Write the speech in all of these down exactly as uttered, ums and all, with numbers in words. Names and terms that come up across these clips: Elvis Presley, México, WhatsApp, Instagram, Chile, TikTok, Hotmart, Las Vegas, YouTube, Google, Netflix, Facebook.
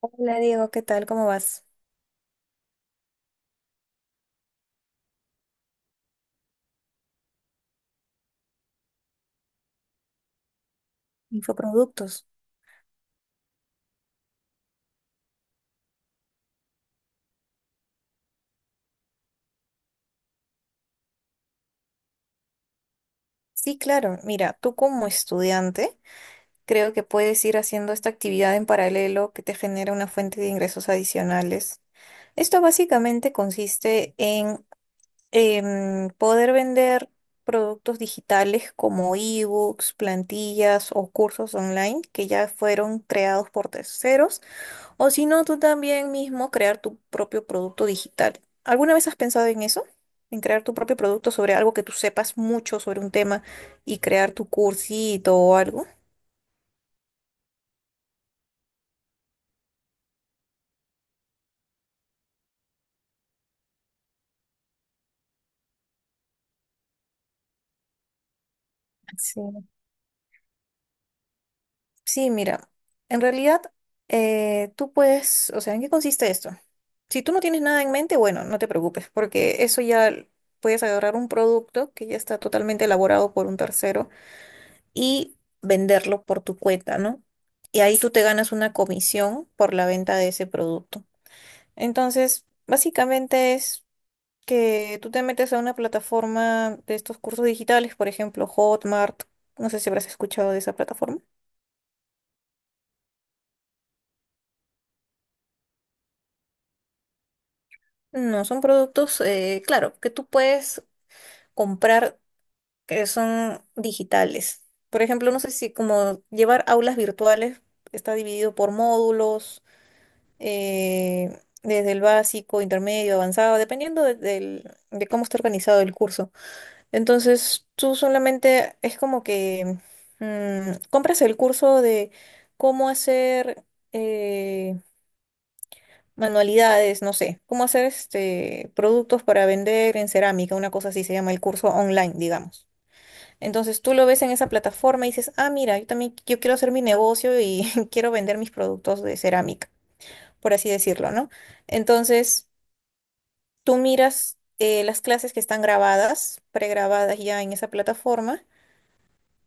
Hola Diego, ¿qué tal? ¿Cómo vas? Infoproductos. Sí, claro. Mira, tú como estudiante, creo que puedes ir haciendo esta actividad en paralelo que te genera una fuente de ingresos adicionales. Esto básicamente consiste en em, poder vender productos digitales como ebooks, plantillas o cursos online que ya fueron creados por terceros. O si no, tú también mismo crear tu propio producto digital. ¿Alguna vez has pensado en eso? En crear tu propio producto sobre algo que tú sepas mucho sobre un tema y crear tu cursito o algo. Sí. Sí, mira, en realidad eh, tú puedes, o sea, ¿en qué consiste esto? Si tú no tienes nada en mente, bueno, no te preocupes, porque eso ya l- puedes agarrar un producto que ya está totalmente elaborado por un tercero y venderlo por tu cuenta, ¿no? Y ahí tú te ganas una comisión por la venta de ese producto. Entonces, básicamente es que tú te metes a una plataforma de estos cursos digitales, por ejemplo, Hotmart. No sé si habrás escuchado de esa plataforma. No, son productos, eh, claro, que tú puedes comprar que son digitales. Por ejemplo, no sé si como llevar aulas virtuales está dividido por módulos eh, desde el básico, intermedio, avanzado, dependiendo de, del- de cómo está organizado el curso. Entonces, tú solamente es como que mm, compras el curso de cómo hacer eh, manualidades, no sé, cómo hacer este, productos para vender en cerámica, una cosa así se llama el curso online, digamos. Entonces tú lo ves en esa plataforma y dices, ah, mira, yo también yo quiero hacer mi negocio y quiero vender mis productos de cerámica, por así decirlo, ¿no? Entonces, tú miras eh, las clases que están grabadas, pregrabadas ya en esa plataforma,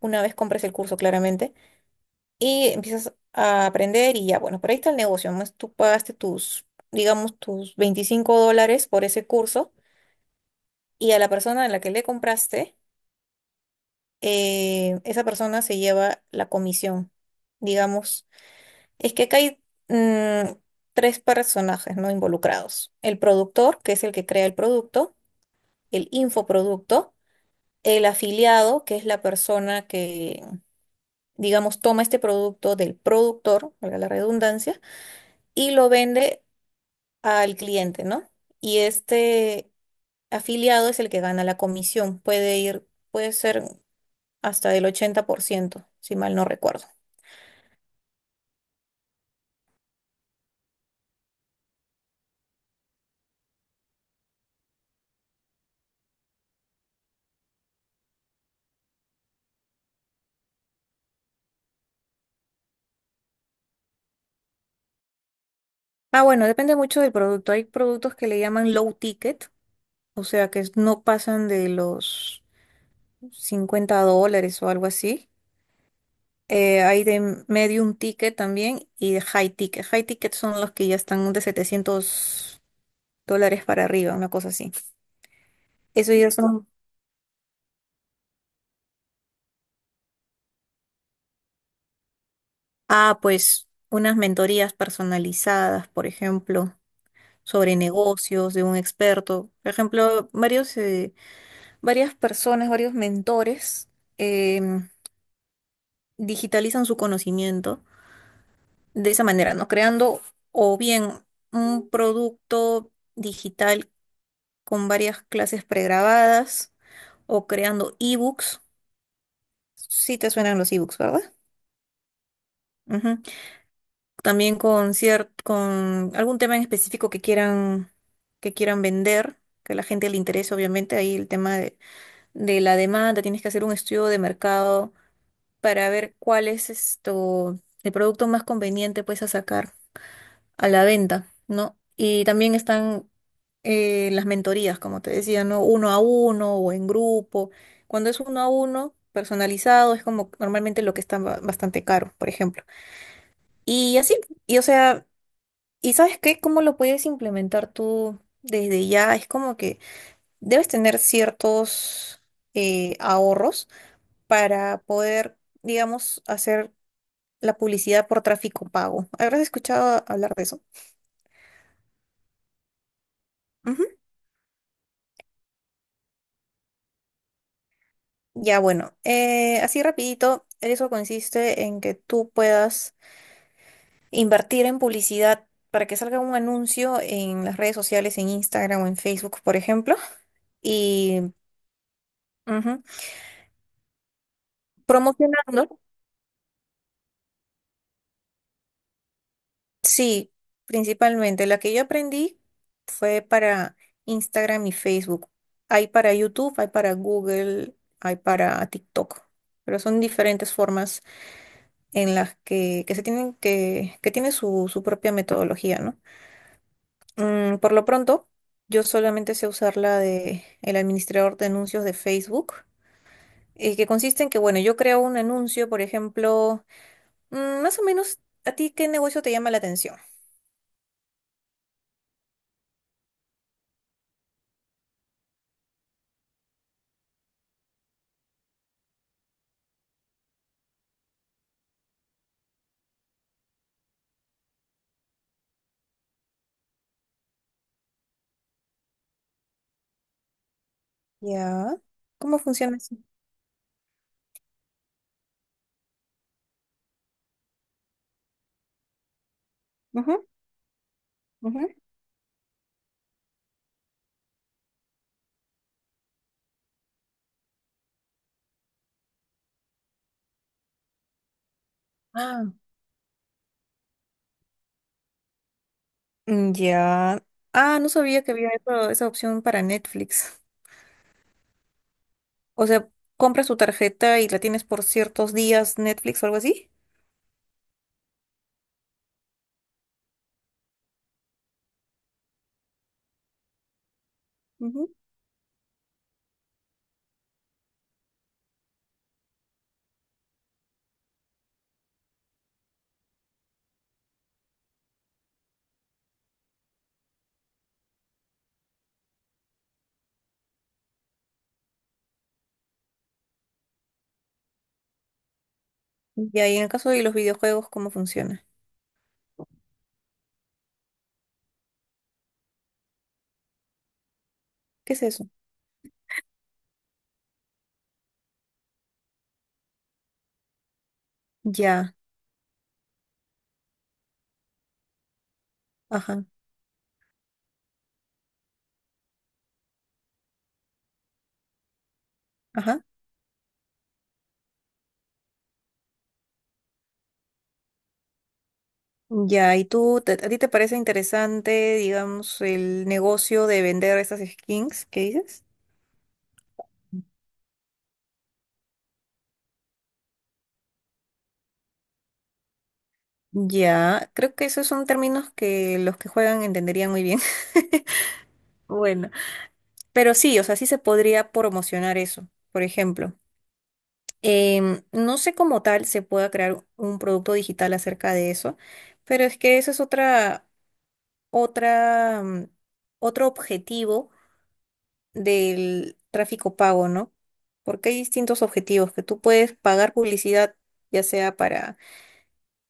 una vez compres el curso claramente, y empiezas a aprender y ya, bueno, por ahí está el negocio, más tú pagaste tus, digamos, tus veinticinco dólares por ese curso y a la persona a la que le compraste, eh, esa persona se lleva la comisión, digamos. Es que acá hay mm, tres personajes, ¿no? Involucrados. El productor, que es el que crea el producto, el infoproducto, el afiliado, que es la persona que, digamos, toma este producto del productor, valga la redundancia, y lo vende al cliente, ¿no? Y este afiliado es el que gana la comisión. Puede ir, puede ser hasta el ochenta por ciento si mal no recuerdo. Ah, bueno, depende mucho del producto. Hay productos que le llaman low ticket, o sea, que no pasan de los cincuenta dólares o algo así. Eh, hay de medium ticket también y de high ticket. High ticket son los que ya están de setecientos dólares para arriba, una cosa así. Eso ya son, ah, pues unas mentorías personalizadas, por ejemplo, sobre negocios de un experto. Por ejemplo, varios, eh, varias personas, varios mentores em, digitalizan su conocimiento de esa manera, ¿no? Creando o bien un producto digital con varias clases pregrabadas o creando ebooks. Sí te suenan los ebooks, ¿verdad? Ujú. También con cier- con algún tema en específico que quieran, que quieran vender, que a la gente le interese, obviamente, ahí el tema de, de la demanda, tienes que hacer un estudio de mercado para ver cuál es esto, el producto más conveniente pues a sacar a la venta, ¿no? Y también están eh, las mentorías, como te decía, ¿no? Uno a uno o en grupo. Cuando es uno a uno, personalizado, es como normalmente lo que está ba- bastante caro, por ejemplo. Y así, y o sea, ¿y sabes qué? ¿Cómo lo puedes implementar tú desde ya? Es como que debes tener ciertos eh, ahorros para poder, digamos, hacer la publicidad por tráfico pago. ¿Habrás escuchado hablar de eso? Ya, bueno, eh, así rapidito, eso consiste en que tú puedas invertir en publicidad para que salga un anuncio en las redes sociales, en Instagram o en Facebook, por ejemplo, y ujú, promocionando, sí, principalmente. La que yo aprendí fue para Instagram y Facebook. Hay para YouTube, hay para Google, hay para TikTok, pero son diferentes formas en las que, que se tienen que, que tiene su, su propia metodología, ¿no? Mm, por lo pronto, yo solamente sé usar la de el administrador de anuncios de Facebook, eh, que consiste en que, bueno, yo creo un anuncio, por ejemplo, mm, más o menos, ¿a ti qué negocio te llama la atención? Ya. ¿Cómo funciona eso? Ujú, ujú. Ah, mm, ya. Ah, no sabía que había eso- esa opción para Netflix. O sea, compras tu tarjeta y la tienes por ciertos días Netflix o algo así. Ujú. Ya, y en el caso de los videojuegos, ¿cómo funciona? ¿Qué es eso? Ya, ajá, ajá. Ya, ¿y tú, te- a ti te parece interesante, digamos, el negocio de vender esas skins que dices? Ya, creo que esos son términos que los que juegan entenderían muy bien. Bueno, pero sí, o sea, sí se podría promocionar eso. Por ejemplo, em, no sé cómo tal se pueda crear un producto digital acerca de eso, pero es que eso es otra, otra, mm, otro objetivo del tráfico pago, ¿no? Porque hay distintos objetivos que tú puedes pagar publicidad, ya sea para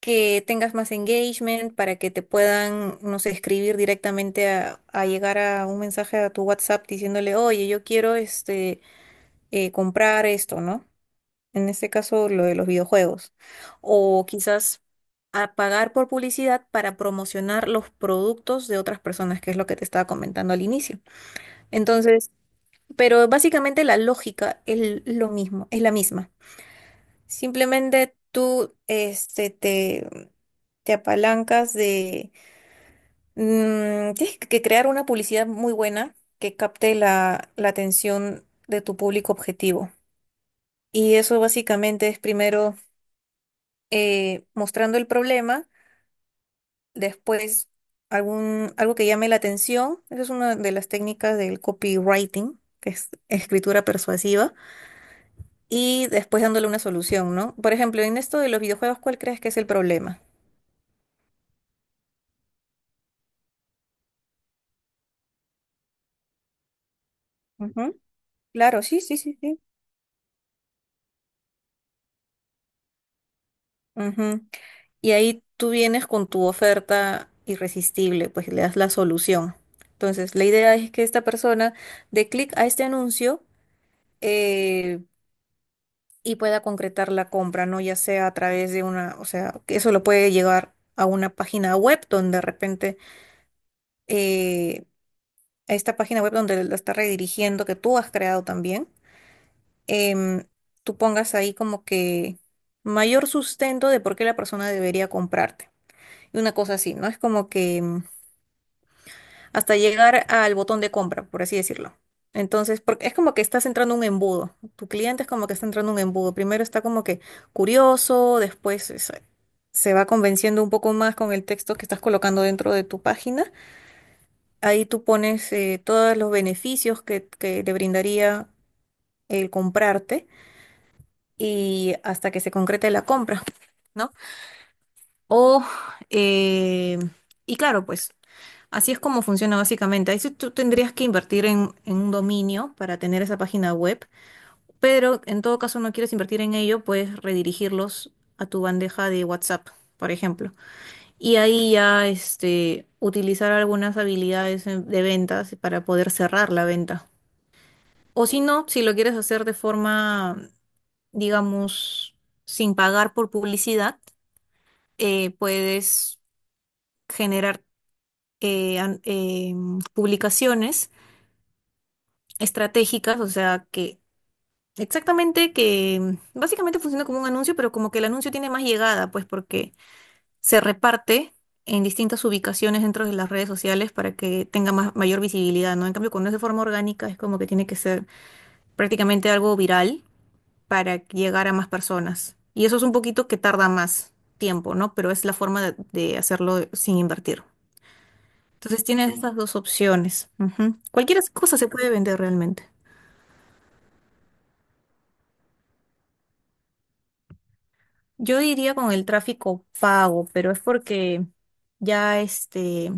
que tengas más engagement, para que te puedan, no sé, escribir directamente a, a llegar a un mensaje a tu WhatsApp diciéndole, oye, yo quiero este, eh, comprar esto, ¿no? En este caso, lo de los videojuegos. O quizás a pagar por publicidad para promocionar los productos de otras personas, que es lo que te estaba comentando al inicio. Entonces, pero básicamente la lógica es lo mismo, es la misma. Simplemente tú este, te, te apalancas de... mm, tienes que crear una publicidad muy buena que capte la, la atención de tu público objetivo. Y eso básicamente es primero eh, mostrando el problema, después algún, algo que llame la atención. Esa es una de las técnicas del copywriting, que es escritura persuasiva y después dándole una solución, ¿no? Por ejemplo, en esto de los videojuegos, ¿cuál crees que es el problema? Ujú, claro, sí, sí, sí, sí. Ujú. Y ahí tú vienes con tu oferta irresistible, pues le das la solución. Entonces, la idea es que esta persona dé clic a este anuncio eh, y pueda concretar la compra, ¿no? Ya sea a través de una, o sea, que eso lo puede llegar a una página web donde de repente, eh, a esta página web donde la está redirigiendo, que tú has creado también. em, Tú pongas ahí como que mayor sustento de por qué la persona debería comprarte. Y una cosa así, ¿no? Es como que em, hasta llegar al botón de compra, por así decirlo. Entonces, porque es como que estás entrando en un embudo. Tu cliente es como que está entrando en un embudo. Primero está como que curioso, después es- se va convenciendo un poco más con el texto que estás colocando dentro de tu página. Ahí tú pones eh, todos los beneficios que, que le brindaría el comprarte, y hasta que se concrete la compra, ¿no? O, eh, y claro, pues así es como funciona básicamente. Ahí sí tú tendrías que invertir en, en un dominio para tener esa página web, pero en todo caso no quieres invertir en ello, puedes redirigirlos a tu bandeja de WhatsApp, por ejemplo. Y ahí ya este, utilizar algunas habilidades en- de ventas para poder cerrar la venta. O si no, si lo quieres hacer de forma, digamos, sin pagar por publicidad eh, puedes generar eh, an- eh, publicaciones estratégicas, o sea, que exactamente que mm, básicamente funciona como un anuncio, pero como que el anuncio tiene más llegada, pues porque se reparte en distintas ubicaciones dentro de las redes sociales para que tenga más, mayor visibilidad, ¿no? En cambio, cuando es de forma orgánica, es como que tiene que ser prácticamente algo viral para llegar a más personas. Y eso es un poquito que tarda más tiempo, ¿no? Pero es la forma de de hacerlo sin invertir. Entonces tienes, sí, estas dos opciones. Ujú. Cualquier cosa se puede vender realmente. Yo diría con el tráfico pago, pero es porque ya este,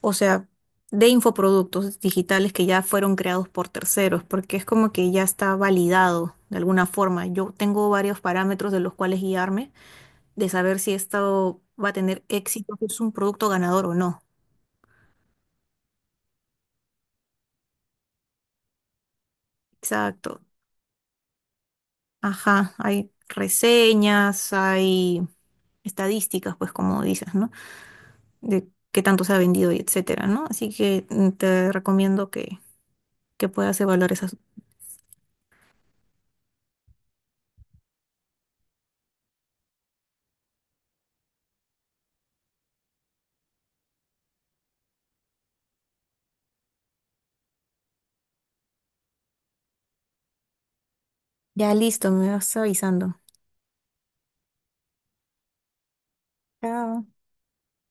o sea, de infoproductos digitales que ya fueron creados por terceros, porque es como que ya está validado de alguna forma. Yo tengo varios parámetros de los cuales guiarme, de saber si esto va a tener éxito, si es un producto ganador o no. Exacto. Ajá, hay reseñas, hay estadísticas, pues como dices, ¿no? De qué tanto se ha vendido y etcétera, ¿no? Así que mm, te recomiendo que, que puedas evaluar esas. Ya listo, me vas avisando. Chao.